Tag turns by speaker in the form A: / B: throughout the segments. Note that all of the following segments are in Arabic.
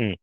A: مم.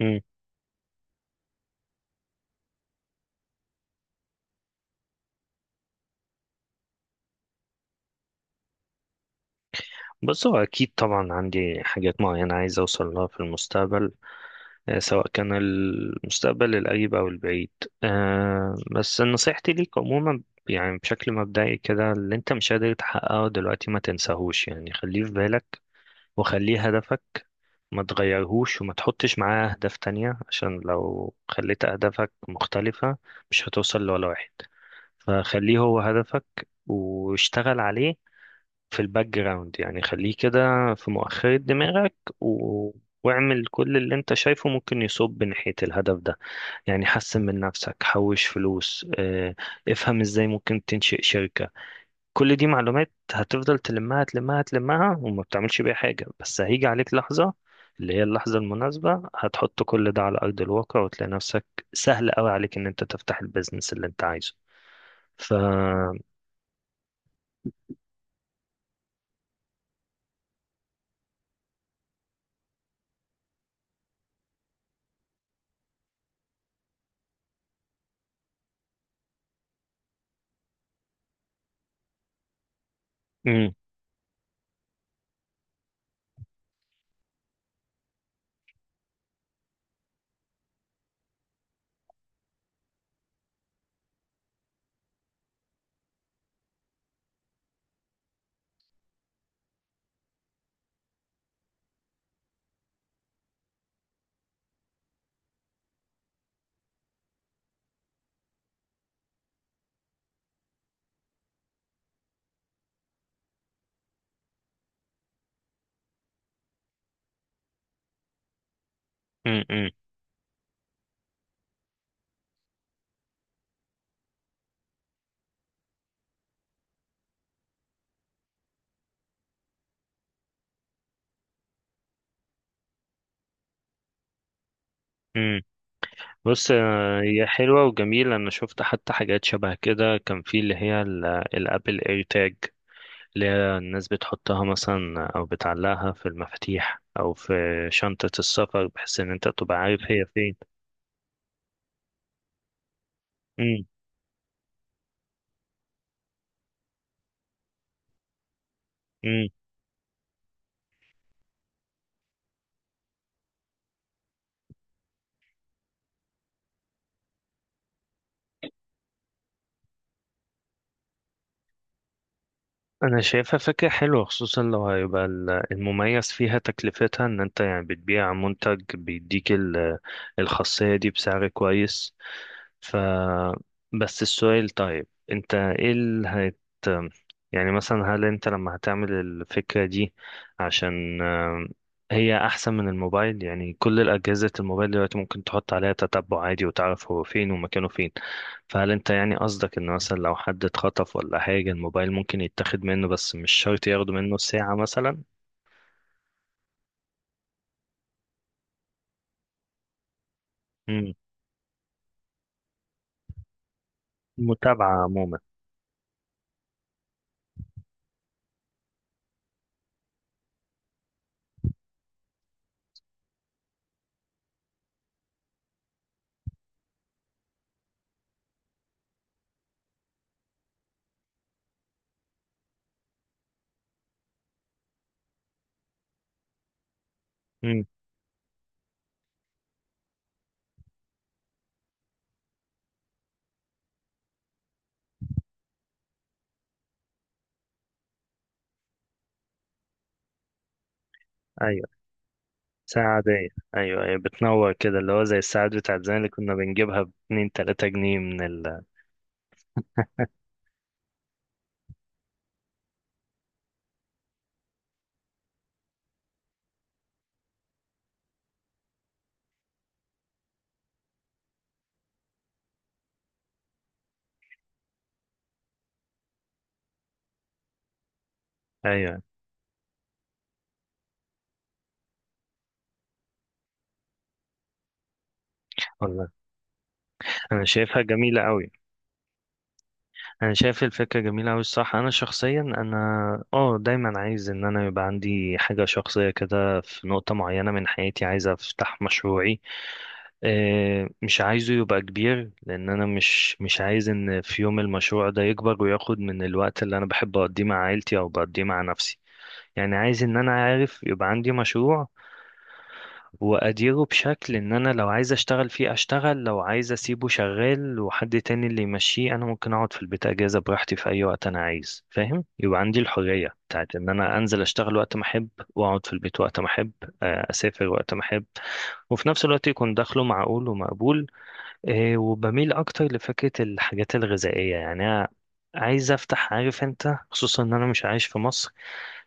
A: مم. بس هو أكيد طبعا عندي حاجات معينة عايز أوصل لها في المستقبل، سواء كان المستقبل القريب أو البعيد. بس نصيحتي ليك عموما، يعني بشكل مبدئي كده اللي أنت مش قادر تحققه دلوقتي ما تنساهوش، يعني خليه في بالك وخليه هدفك. ما تغيرهوش وما تحطش معاه أهداف تانية، عشان لو خليت أهدافك مختلفة مش هتوصل لولا واحد. فخليه هو هدفك واشتغل عليه في الباك جراوند، يعني خليه كده في مؤخرة دماغك و... واعمل كل اللي انت شايفه ممكن يصب ناحية الهدف ده. يعني حسن من نفسك، حوش فلوس، افهم ازاي ممكن تنشئ شركة. كل دي معلومات هتفضل تلمها تلمها تلمها وما بتعملش بيها حاجة، بس هيجي عليك لحظة اللي هي اللحظة المناسبة هتحط كل ده على أرض الواقع وتلاقي نفسك سهل قوي عليك ان انت تفتح البيزنس اللي انت عايزه. ف مم، مم، مم، مم. بص، هي حلوة وجميلة. أنا شفت حتى حاجات شبه كده، كان في اللي هي الأبل إير تاج، اللي هي الناس بتحطها مثلا أو بتعلقها في المفاتيح أو في شنطة السفر، بحيث إن أنت تبقى عارف هي فين. مم. انا شايفها فكرة حلوة، خصوصا لو هيبقى المميز فيها تكلفتها، ان انت يعني بتبيع منتج بيديك الخاصية دي بسعر كويس. ف بس السؤال، طيب انت ايه اللي هت يعني مثلا هل انت لما هتعمل الفكرة دي، عشان هي احسن من الموبايل؟ يعني كل الاجهزة الموبايل دلوقتي ممكن تحط عليها تتبع عادي وتعرف هو فين ومكانه فين. فهل انت يعني قصدك ان مثلا لو حد اتخطف ولا حاجة، الموبايل ممكن يتاخد منه، بس مش شرط ياخدوا منه ساعة مثلا؟ امم متابعة عموما. امم ايوه. ساعة عادية. ايوه، ايوه بتنور كده، اللي هو زي الساعات بتاعت زمان اللي كنا بنجيبها باتنين تلاتة جنيه من ايوه. والله انا شايفها جميلة قوي. انا شايف الفكره جميله قوي الصح. انا شخصيا انا اه دايما عايز ان انا يبقى عندي حاجه شخصيه كده. في نقطه معينه من حياتي عايز افتح مشروعي، مش عايزه يبقى كبير، لان انا مش عايز ان في يوم المشروع ده يكبر وياخد من الوقت اللي انا بحب اقضيه مع عيلتي او بقضيه مع نفسي. يعني عايز ان انا عارف يبقى عندي مشروع واديره بشكل ان انا لو عايز اشتغل فيه اشتغل، لو عايز اسيبه شغال وحد تاني اللي يمشيه، انا ممكن اقعد في البيت اجازة براحتي في اي وقت انا عايز. فاهم؟ يبقى عندي الحرية بتاعت ان انا انزل اشتغل وقت ما احب، واقعد في البيت وقت ما احب، اسافر وقت ما احب، وفي نفس الوقت يكون دخله معقول ومقبول. وبميل اكتر لفكره الحاجات الغذائيه. يعني انا عايز افتح، عارف انت، خصوصا ان انا مش عايش في مصر،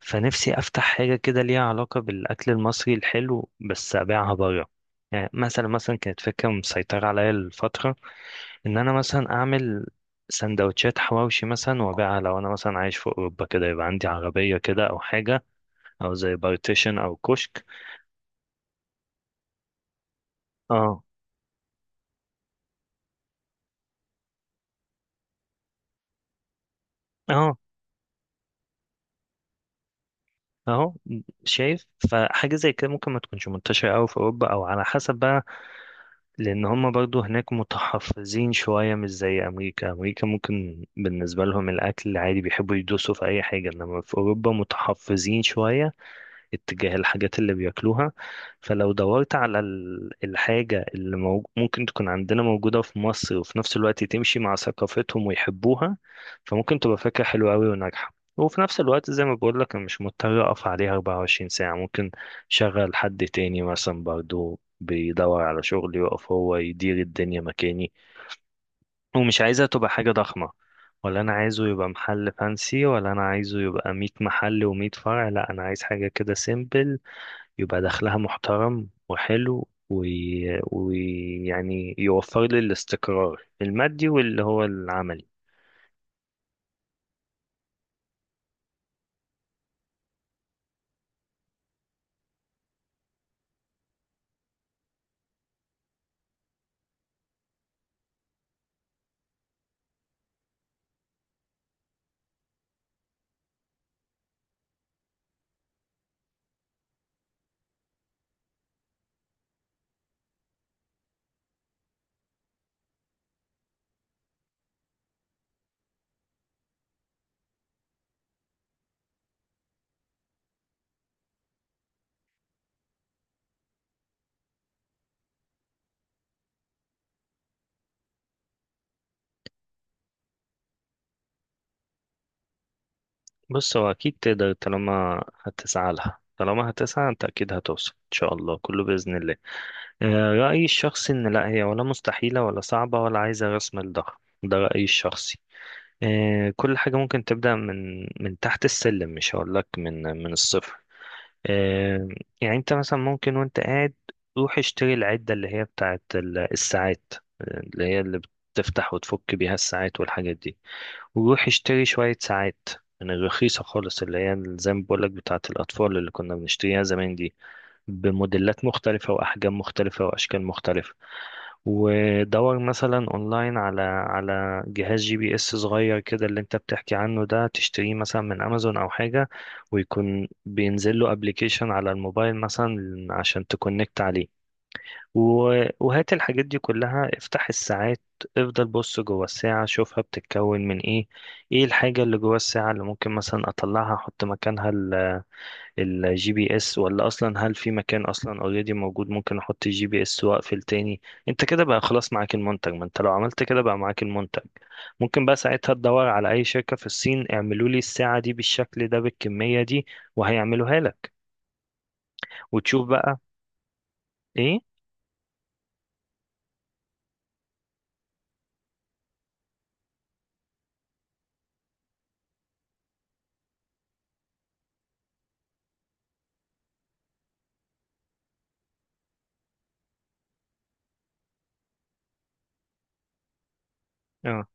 A: فنفسي افتح حاجه كده ليها علاقه بالاكل المصري الحلو بس ابيعها بره. يعني مثلا، كانت فكره مسيطره عليا الفتره ان انا مثلا اعمل سندوتشات حواوشي مثلا وابيعها، لو انا مثلا عايش في اوروبا كده يبقى عندي عربيه كده او حاجه، او زي بارتيشن او كشك. اه. اه. اهو. شايف. فحاجة زي كده ممكن ما تكونش منتشرة أوي في أوروبا، أو على حسب بقى، لأن هما برضو هناك متحفظين شوية، مش زي أمريكا. أمريكا ممكن بالنسبة لهم الأكل عادي، بيحبوا يدوسوا في أي حاجة، إنما في أوروبا متحفظين شوية اتجاه الحاجات اللي بياكلوها. فلو دورت على الحاجة اللي ممكن تكون عندنا موجودة في مصر وفي نفس الوقت تمشي مع ثقافتهم ويحبوها، فممكن تبقى فكرة حلوة أوي وناجحة. وفي نفس الوقت، زي ما بقول لك، أنا مش مضطر أقف عليها 24 ساعة، ممكن شغل حد تاني مثلا برضو بيدور على شغل يقف هو يدير الدنيا مكاني. ومش عايزها تبقى حاجة ضخمة، ولا انا عايزه يبقى محل فانسي، ولا انا عايزه يبقى 100 محل و100 فرع. لا، انا عايز حاجه كده سيمبل، يبقى دخلها محترم وحلو ويعني يوفر لي الاستقرار المادي واللي هو العملي. بص، هو أكيد تقدر. طالما هتسعى لها، طالما هتسعى أنت، أكيد هتوصل إن شاء الله، كله بإذن الله. رأيي الشخصي إن لا هي ولا مستحيلة ولا صعبة ولا عايزة رأس مال ضخم. ده رأيي الشخصي. كل حاجة ممكن تبدأ من من تحت السلم، مش هقولك من الصفر. آه، يعني انت مثلا، ممكن وانت قاعد روح اشتري العدة اللي هي بتاعت الساعات، اللي هي اللي بتفتح وتفك بيها الساعات والحاجات دي، وروح اشتري شوية ساعات من الرخيصة خالص، اللي هي زي ما بقولك بتاعت الأطفال اللي كنا بنشتريها زمان دي، بموديلات مختلفة وأحجام مختلفة وأشكال مختلفة، ودور مثلا اونلاين على جهاز جي بي اس صغير كده اللي انت بتحكي عنه ده، تشتريه مثلا من امازون او حاجة، ويكون بينزل له ابلكيشن على الموبايل مثلا عشان تكونكت عليه. وهات الحاجات دي كلها، افتح الساعات، افضل بص جوه الساعة، شوفها بتتكون من ايه، ايه الحاجة اللي جوه الساعة اللي ممكن مثلا اطلعها احط مكانها الجي بي اس، ولا اصلا هل في مكان اصلا اوريدي موجود ممكن احط الجي بي اس واقفل تاني. انت كده بقى خلاص معاك المنتج. ما انت لو عملت كده بقى معاك المنتج، ممكن بقى ساعتها تدور على اي شركة في الصين اعملوا لي الساعة دي بالشكل ده بالكمية دي، وهيعملوها لك وتشوف بقى. ايه. اه.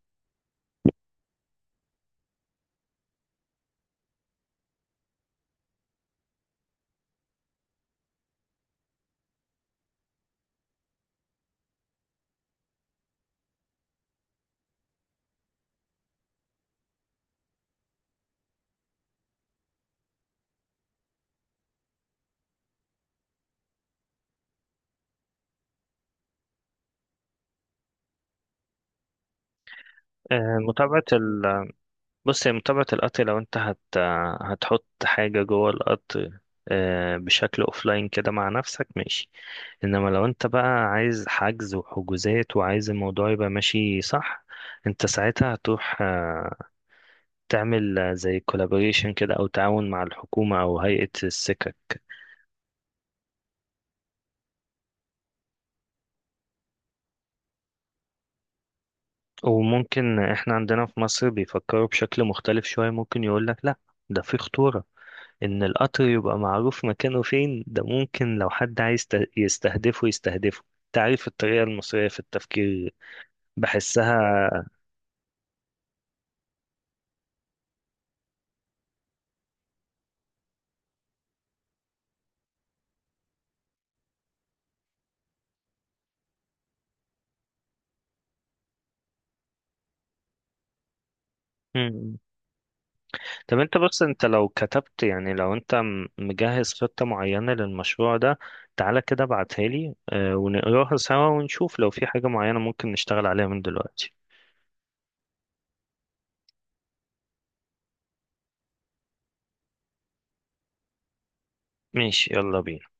A: متابعة. بص، هي متابعة القط، لو انت هتحط حاجة جوه القط بشكل اوفلاين كده مع نفسك، ماشي، انما لو انت بقى عايز حجز وحجوزات وعايز الموضوع يبقى ماشي صح، انت ساعتها هتروح تعمل زي كولابوريشن كده او تعاون مع الحكومة او هيئة السكك. وممكن احنا عندنا في مصر بيفكروا بشكل مختلف شوية، ممكن يقولك لا، ده في خطورة. ان القطر يبقى معروف مكانه فين، ده ممكن لو حد عايز يستهدفه يستهدفه. تعرف الطريقة المصرية في التفكير، بحسها. مم. طب انت بص، انت لو كتبت، يعني لو انت مجهز خطة معينة للمشروع ده، تعالى كده ابعتها لي ونقراها سوا ونشوف لو في حاجة معينة ممكن نشتغل عليها من دلوقتي. ماشي، يلا بينا.